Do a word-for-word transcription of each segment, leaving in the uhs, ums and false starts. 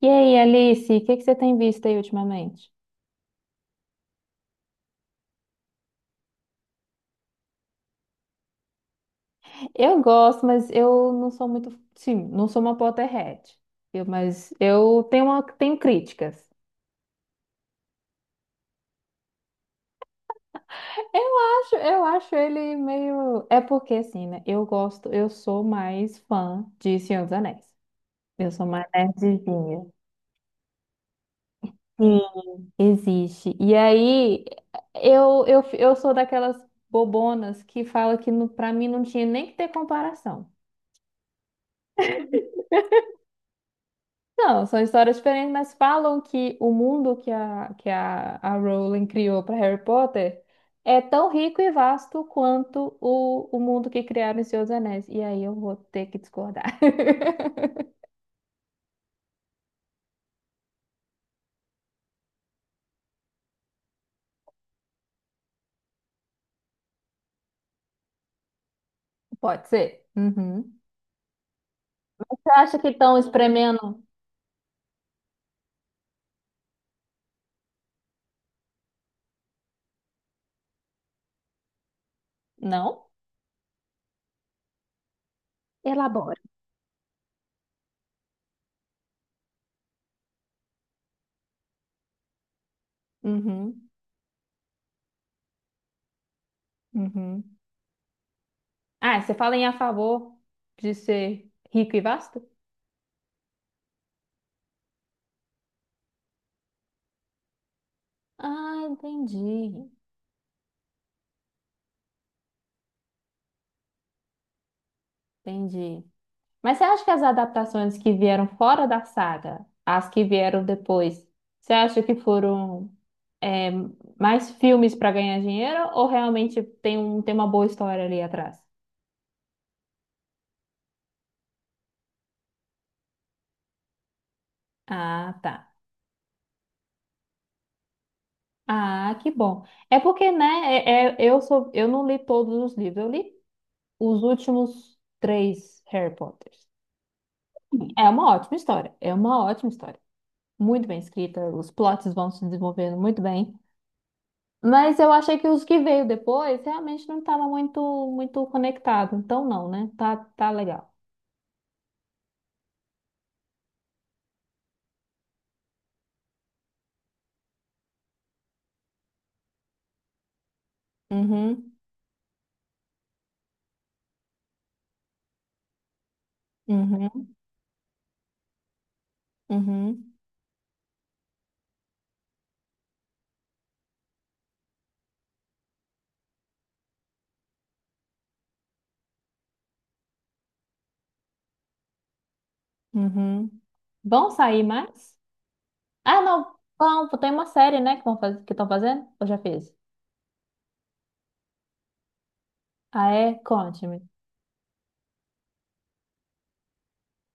E aí, Alice, o que que você tem visto aí ultimamente? Eu gosto, mas eu não sou muito, sim, não sou uma Potterhead. Eu, mas eu tenho uma, tenho críticas. Eu acho, eu acho ele meio, é porque assim, né? Eu gosto, eu sou mais fã de Senhor dos Anéis. Eu sou mais nerdzinha. Sim. Existe. E aí, eu, eu, eu sou daquelas bobonas que fala que no, pra mim não tinha nem que ter comparação. Não, são histórias diferentes, mas falam que o mundo que a, que a, a Rowling criou para Harry Potter é tão rico e vasto quanto o, o mundo que criaram em Senhor dos Anéis. E aí eu vou ter que discordar. Pode ser? Uhum. Você acha que estão espremendo? Não? Elabora. Uhum. Uhum. Ah, você fala em a favor de ser rico e vasto? Ah, entendi. Entendi. Mas você acha que as adaptações que vieram fora da saga, as que vieram depois, você acha que foram é, mais filmes para ganhar dinheiro ou realmente tem, um, tem uma boa história ali atrás? Ah, tá. Ah, que bom. É porque, né, é- é- eu sou, eu não li todos os livros, eu li os últimos três Harry Potters. É uma ótima história, é uma ótima história. Muito bem escrita, os plots vão se desenvolvendo muito bem. Mas eu achei que os que veio depois realmente não estava muito muito conectado. Então não, né? Tá, tá legal. Uhum, uhum, uhum, uhum. Vão sair mais? Ah, não. Bom, tem uma série, né, que vão faz- que estão fazendo? Eu já fiz. Ah, é? Conte-me.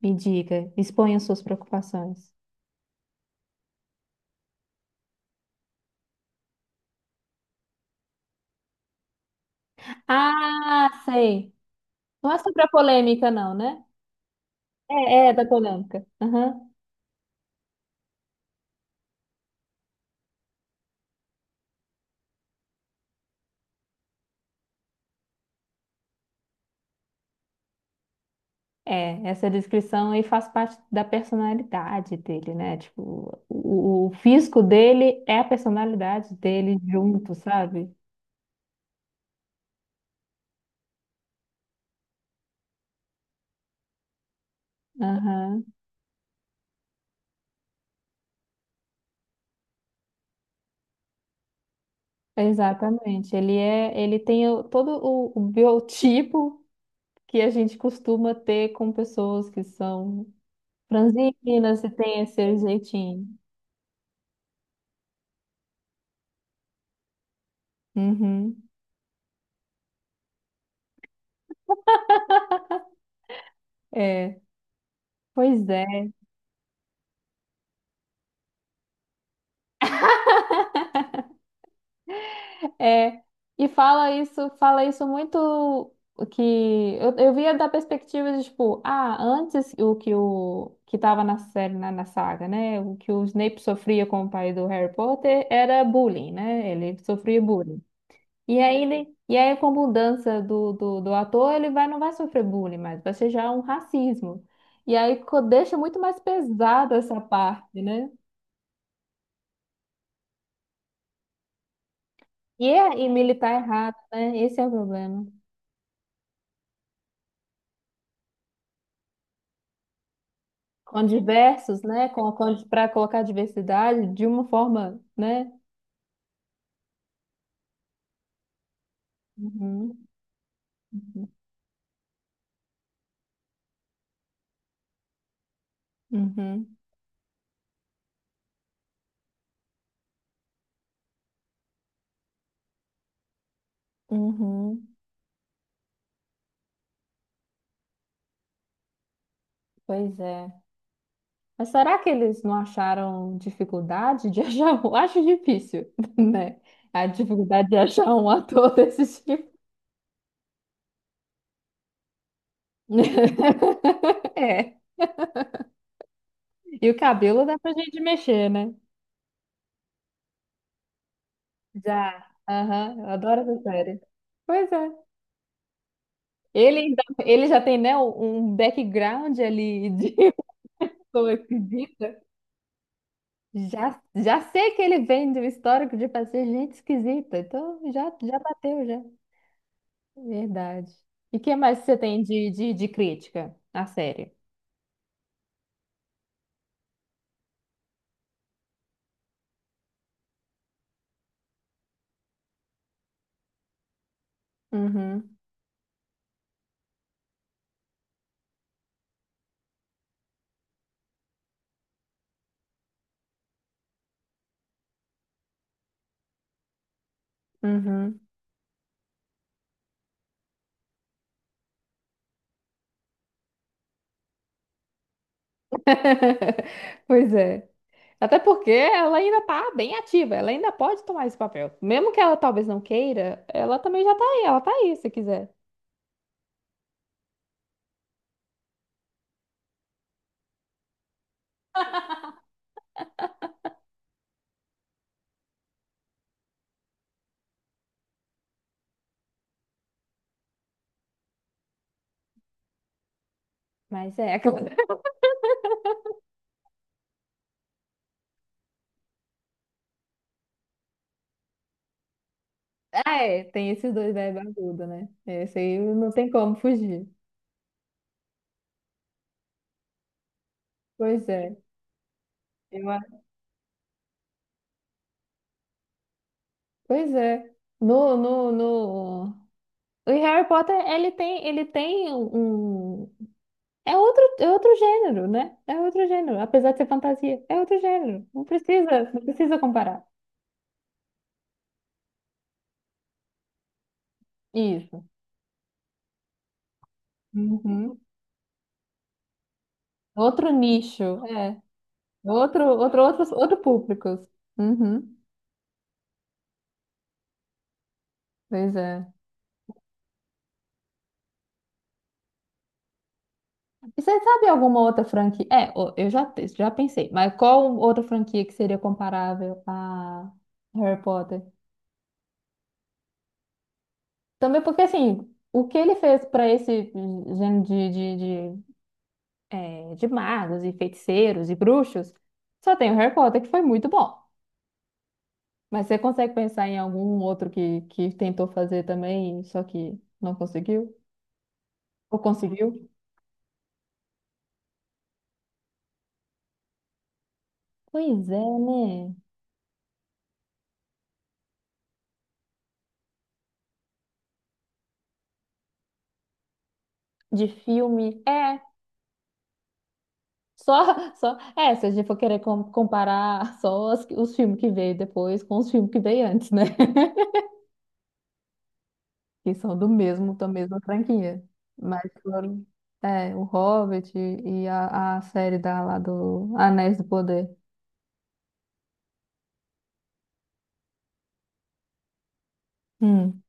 Me diga. Exponha suas preocupações. Ah, sei. Não é sobre a polêmica, não, né? É, é da polêmica. É, essa descrição aí faz parte da personalidade dele, né? Tipo, o, o físico dele é a personalidade dele junto, sabe? Aham, exatamente. Ele é, ele tem o- todo o, o biotipo que a gente costuma ter com pessoas que são franzinas e tem esse jeitinho. Uhum, é, pois é. É, e fala isso, fala isso muito que eu, eu via da perspectiva de tipo, ah, antes o que o que tava na série, na, na saga, né? O que o Snape sofria com o pai do Harry Potter era bullying, né? Ele sofria bullying. E aí, ele, e aí com a mudança do, do, do ator, ele vai, não vai sofrer bullying mais, vai ser já um racismo. E aí co- deixa muito mais pesado essa parte, né? E, é- e militar errado, né? Esse é o problema. Com diversos, né? Com, com, para colocar diversidade de uma forma, né? Uhum, uhum, uhum. Uhum. Pois é. Mas será que eles não acharam dificuldade de achar um? Acho difícil, né? A dificuldade de achar um ator desse tipo. É. E o cabelo dá pra gente mexer, né? Já. Aham, eu adoro essa série. Pois é. Ele, ainda- ele já tem, né, um background ali de Pô, acredita? Já, já sei que ele vem do histórico de fazer gente esquisita. Então já, já bateu, já. Verdade. E o que mais você tem de, de, de crítica à série? Uhum, uhum. Pois é. Até porque ela ainda tá bem ativa, ela ainda pode tomar esse papel. Mesmo que ela talvez não queira, ela também já tá aí, ela tá aí se quiser. Mas é, aquela- ah, é, tem esses dois bebés barbudo, né? Esse aí não tem como fugir. Pois é. Eu Pois é. No, no, no... O Harry Potter, ele tem, ele tem um... um- É outro, é outro gênero, né? É outro gênero. Apesar de ser fantasia, é outro gênero. Não precisa, não precisa comparar. Isso. Uhum. Outro nicho, é. Outro, outro, outros, outro público. Uhum. Pois é. E você sabe alguma outra franquia? É, o- eu já, te- já pensei. Mas qual outra franquia que seria comparável a Harry Potter? Também porque, assim, o que ele fez para esse gênero de, de, de, eh, de magos e feiticeiros e bruxos, só tem o Harry Potter, que foi muito bom. Mas você consegue pensar em algum outro que, que tentou fazer também, só que não conseguiu? Ou conseguiu? Pois é, né? De filme, é. Só, só, é, se a gente for querer com- comparar só as- os filmes que veio depois com os filmes que veio antes, né? Que são do mesmo, da mesma franquia. Mas foram, é, o Hobbit e a, a série da, lá do Anéis do Poder. Hum.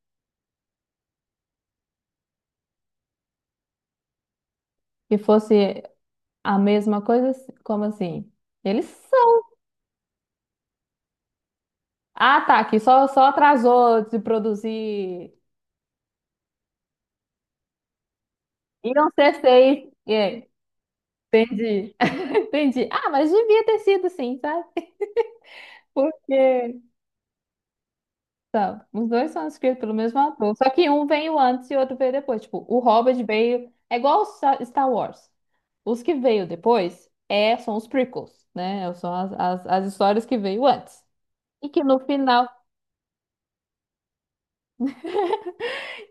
Que fosse a mesma coisa, como assim? Eles são. Ah, tá, que só, só atrasou de produzir. Iam ser seis. É, entendi. Entendi. Ah, mas devia ter sido sim, sabe? Porque Tá, os dois são escritos pelo mesmo autor, só que um veio antes e outro veio depois. Tipo, o Hobbit veio. É igual o Sa- Star Wars. Os que veio depois é, são os prequels, né? São as, as, as histórias que veio antes. E que no final.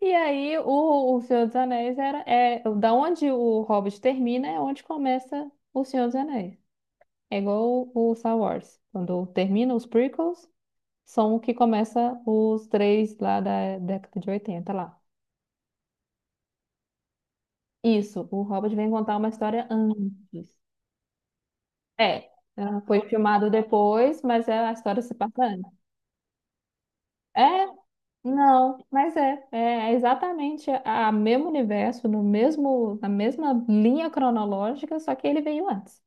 E aí, o, o Senhor dos Anéis era. É, da onde o Hobbit termina é onde começa o Senhor dos Anéis. É igual o, o Star Wars. Quando termina os prequels, são o que começa os três lá da década de oitenta lá. Isso, o Hobbit vem contar uma história antes. É, ela foi filmado depois, mas é- a história se passa antes. É, não, mas é, é é exatamente a, a mesmo universo, no mesmo, na mesma linha cronológica, só que ele veio antes.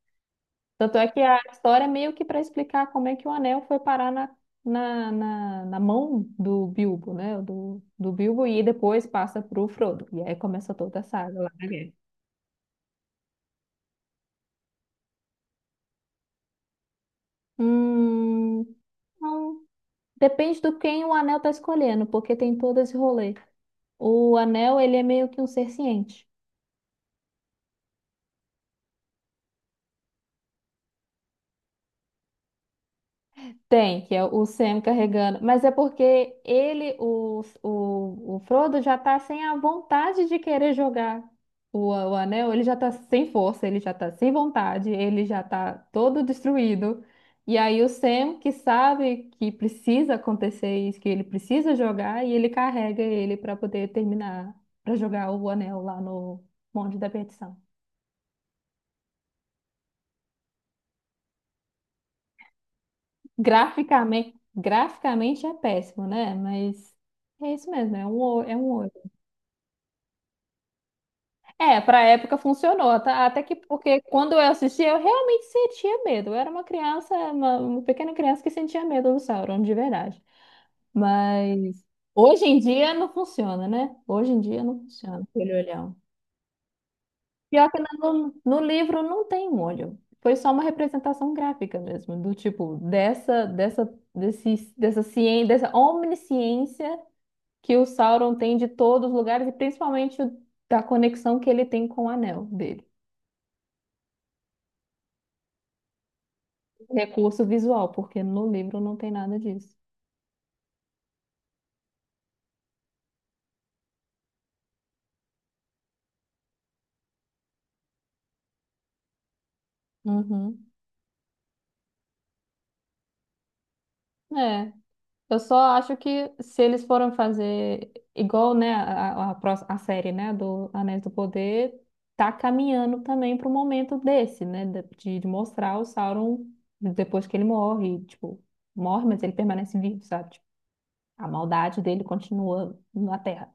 Tanto é que a história é meio que para explicar como é que o anel foi parar na, na, na, na mão do Bilbo, né? Do, do Bilbo e depois passa pro Frodo. E aí começa toda a saga lá. Da guerra. Hum, não. Depende do quem o anel tá escolhendo, porque tem todo esse rolê. O anel, ele é meio que um ser ciente. Tem, que é o Sam carregando. Mas é porque ele, o, o, o Frodo, já tá sem a vontade de querer jogar o, o anel. Ele já tá sem força, ele já tá sem vontade, ele já tá todo destruído. E aí o Sam, que sabe que precisa acontecer isso, que ele precisa jogar, e ele carrega ele para poder terminar, para jogar o anel lá no Monte da Perdição. Graficamente, graficamente é péssimo, né? Mas é isso mesmo, é um, o- é um É, pra época funcionou, tá? Até que porque quando eu assisti, eu realmente sentia medo. Eu era uma criança, uma, uma pequena criança que sentia medo do Sauron, de verdade. Mas hoje em dia não funciona, né? Hoje em dia não funciona aquele olhão. Pior que no, no livro não tem um olho. Foi só uma representação gráfica mesmo, do tipo dessa dessa desse, dessa ciência, dessa omnisciência que o Sauron tem de todos os lugares e principalmente da conexão que ele tem com o anel dele. Recurso visual, porque no livro não tem nada disso. Uhum. É. Eu só acho que se eles foram fazer igual, né, a, a, a pró- a série, né, do Anéis do Poder, tá caminhando também para o momento desse, né, de, de mostrar o Sauron depois que ele morre, tipo, morre, mas ele permanece vivo, sabe? Tipo, a maldade dele continua na Terra.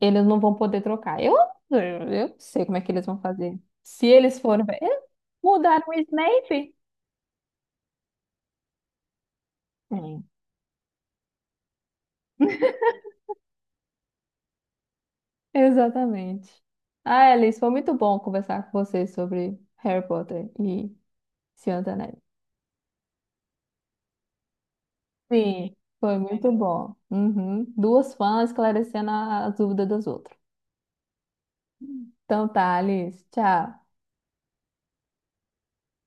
Eles não vão poder trocar. Eu, eu eu não sei como é que eles vão fazer. Se eles forem. Eles mudaram o Snape? Hum, Exatamente. Ah, Alice, foi muito bom conversar com você sobre Harry Potter e Senhor dos Anéis. Sim, foi muito bom. Uhum. Duas fãs esclarecendo as dúvidas das outras. Então tá, Alice. Tchau.